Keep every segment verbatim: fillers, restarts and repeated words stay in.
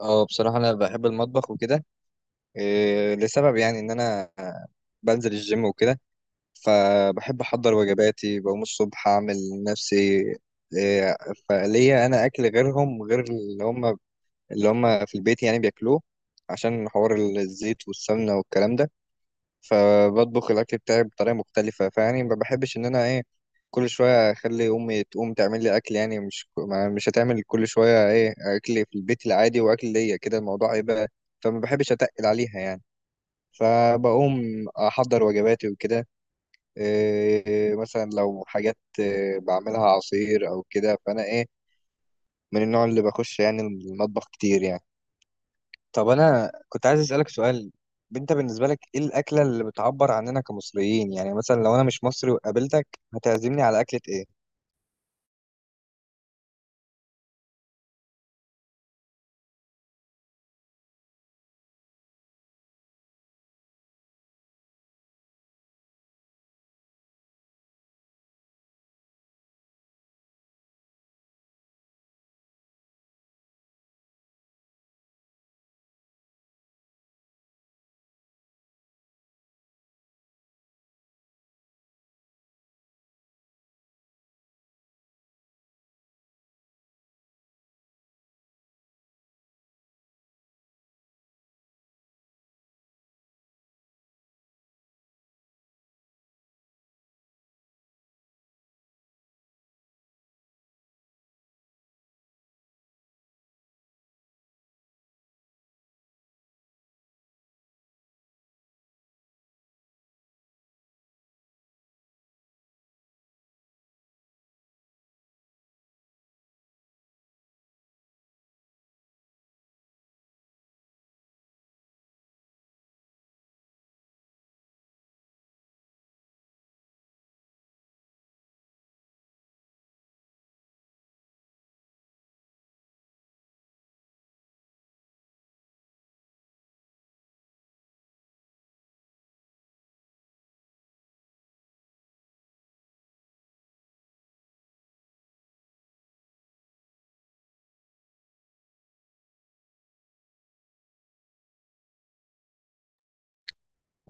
اه، بصراحة أنا بحب المطبخ وكده. إيه لسبب يعني إن أنا بنزل الجيم وكده، فبحب أحضر وجباتي. بقوم الصبح أعمل نفسي إيه فليا، أنا أكل غيرهم غير اللي هم اللي هم في البيت يعني بياكلوه، عشان حوار الزيت والسمنة والكلام ده. فبطبخ الاكل بتاعي بطريقه مختلفه، فيعني ما بحبش ان انا ايه كل شويه اخلي امي تقوم تعمل لي اكل. يعني مش ما- مش هتعمل كل شويه ايه اكل في البيت العادي واكل ليا كده، الموضوع هيبقى، فما بحبش اتقل عليها يعني. فبقوم احضر وجباتي وكده. إيه مثلا لو حاجات إيه بعملها عصير او كده، فانا ايه من النوع اللي بخش يعني المطبخ كتير يعني. طب انا كنت عايز اسالك سؤال، انت بالنسبه لك ايه الاكله اللي بتعبر عننا كمصريين؟ يعني مثلا لو انا مش مصري وقابلتك، هتعزمني على اكله ايه؟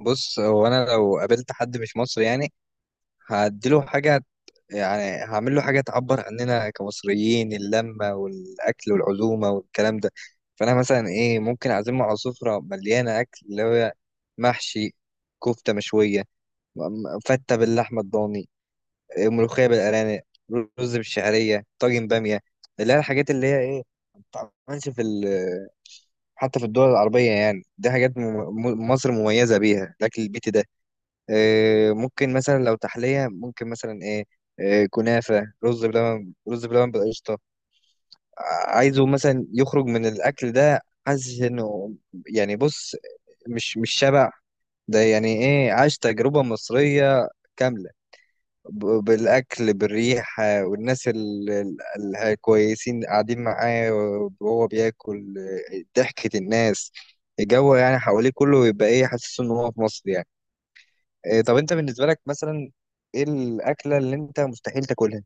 بص، هو انا لو قابلت حد مش مصري يعني هديله حاجه، يعني هعمل له حاجه تعبر عننا كمصريين، اللمه والاكل والعزومه والكلام ده. فانا مثلا ايه ممكن اعزمه على سفره مليانه اكل، اللي هو محشي، كفته مشويه، م- م- فته باللحمه الضاني، ملوخية بالأرانب، رز بالشعرية، طاجن بامية. اللي هي الحاجات اللي هي ايه ما بتتعملش في ال... حتى في الدول العربية، يعني دي حاجات م... م- مصر مميزة بيها، الأكل البيتي ده. إيه ممكن مثلا لو تحلية، ممكن مثلا ايه، إيه كنافة، رز بلبن رز بلبن بالقشطة. ع- عايزه مثلا يخرج من الأكل ده حاسس إنه، يعني بص، مش مش شبع، ده يعني ايه عاش تجربة مصرية كاملة. ب- بالأكل، بالريح آه، والناس ال- ال- الكويسين قاعدين معاه وهو بياكل، آه، ضحكة الناس، الجو يعني حواليه كله، يبقى إيه حاسس إن هو في مصر يعني. آه، طب أنت بالنسبة لك مثلا، إيه الأكلة اللي أنت مستحيل تاكلها؟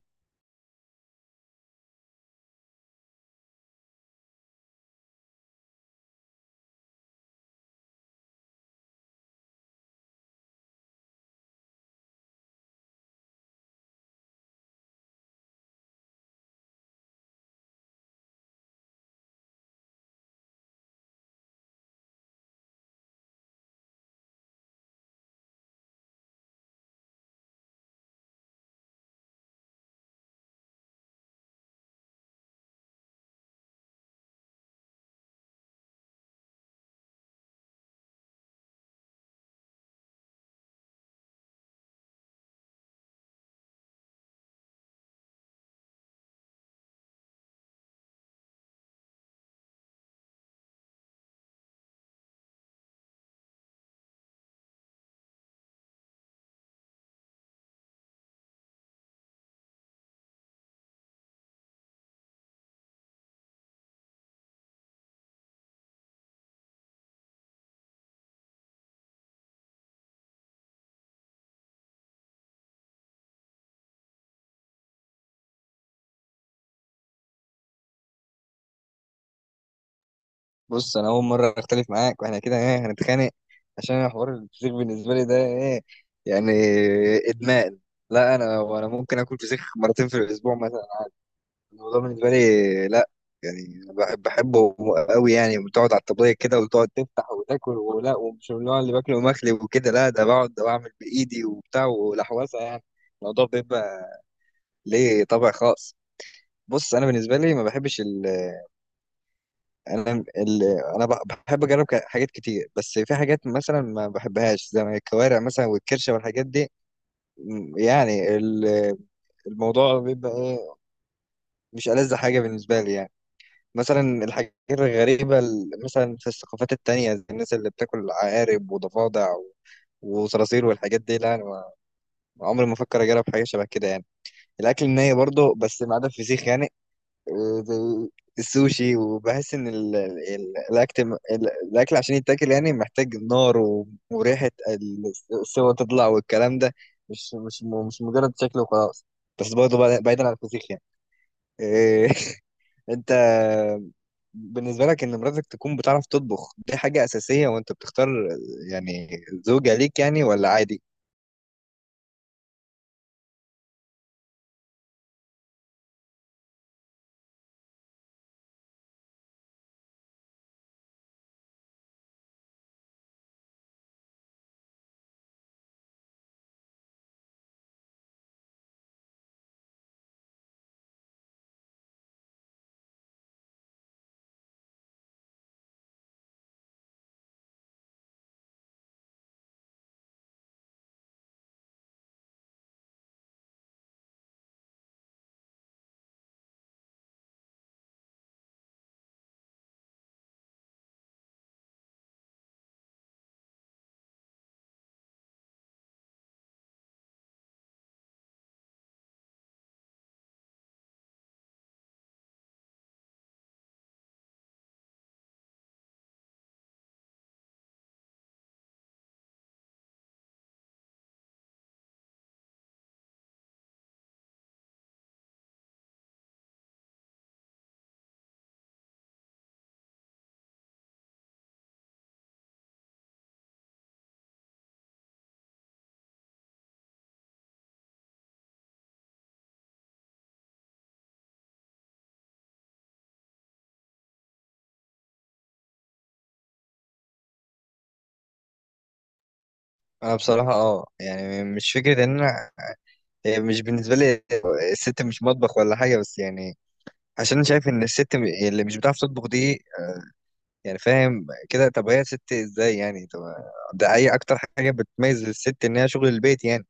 بص، أنا أول مرة أختلف معاك وإحنا كده، إيه هنتخانق عشان أنا حوار الفسيخ بالنسبة لي ده إيه يعني إدمان. لا، أنا أنا ممكن آكل فسيخ مرتين في الأسبوع مثلا. الموضوع بالنسبة لي، لا، يعني بح- بحبه قوي. يعني بتقعد على الطبلية كده وتقعد تفتح وتاكل، ولا ومش من النوع اللي باكله مخلي وكده، لا، ده بقعد بعمل بإيدي وبتاع ولحوسة يعني. الموضوع بيبقى ليه طابع خاص. بص، انا بالنسبه لي ما بحبش ال انا ال انا بح- بحب اجرب ك- حاجات كتير، بس في حاجات مثلا ما بحبهاش زي ما الكوارع مثلا والكرشه والحاجات دي. م- يعني ال- الموضوع بيبقى ايه مش ألذ حاجه بالنسبه لي يعني. مثلا الحاجات الغريبة ال- مثلا في الثقافات التانية، زي الناس اللي بتاكل عقارب وضفادع و- وصراصير والحاجات دي، لا أنا ما- عمري ما أفكر أجرب حاجة شبه كده يعني. الأكل الني برضه، بس ما عدا الفسيخ يعني، آه، زي السوشي. وبحس إن ال- ال- الأكل ال- الأكل عشان يتاكل يعني محتاج نار و- وريحة ال- السوا تطلع والكلام ده، مش مش مش مجرد شكل وخلاص. بس برضه بعد- بعيدا عن الفسيخ يعني. إيه، أنت بالنسبة لك إن مراتك تكون بتعرف تطبخ دي حاجة أساسية وأنت بتختار يعني زوجة ليك، يعني ولا عادي؟ أنا بصراحة أه، يعني مش فكرة إن أنا، هي مش بالنسبة لي الست مش مطبخ ولا حاجة، بس يعني عشان أنا شايف إن الست م- اللي مش بتعرف تطبخ دي، يعني فاهم كده، طب هي ست إزاي يعني؟ طب ده أي أكتر حاجة بتميز الست إن هي شغل البيت يعني.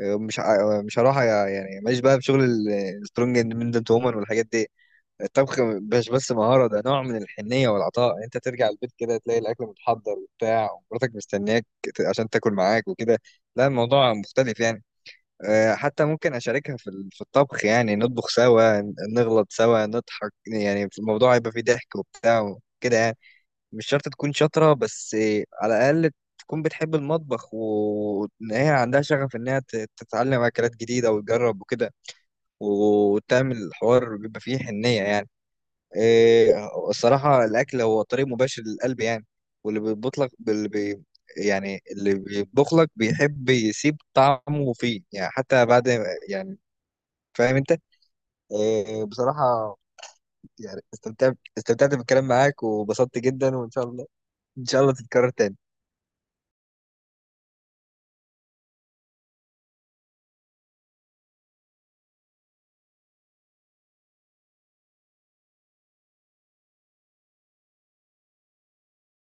مش ع- مش هروح يعني، ماليش بقى بشغل السترونج اندبندنت وومن والحاجات دي. الطبخ مش بس مهارة، ده نوع من الحنية والعطاء. انت ترجع البيت كده تلاقي الاكل متحضر وبتاع، ومراتك مستنياك ت- عشان تاكل معاك وكده، لا الموضوع مختلف يعني. آه، حتى ممكن اشاركها في ال- في الطبخ، يعني نطبخ سوا، ن- نغلط سوا، نضحك، يعني في الموضوع هيبقى فيه ضحك وبتاع وكده يعني. مش شرط تكون شاطرة، بس آه، على الاقل تكون بتحب المطبخ، و- وان هي عندها شغف انها ت- تتعلم اكلات جديدة وتجرب وكده، وتعمل الحوار بيبقى فيه حنية يعني. إيه الصراحة الأكل هو طريق مباشر للقلب يعني. واللي بيطبخ لك اللي بي يعني اللي بيطبخ لك بيحب يسيب طعمه فيه يعني، حتى بعد، يعني فاهم أنت. إيه بصراحة يعني استمتعت استمتعت بالكلام معاك وبسطت جدا، وإن شاء الله، إن شاء الله تتكرر تاني.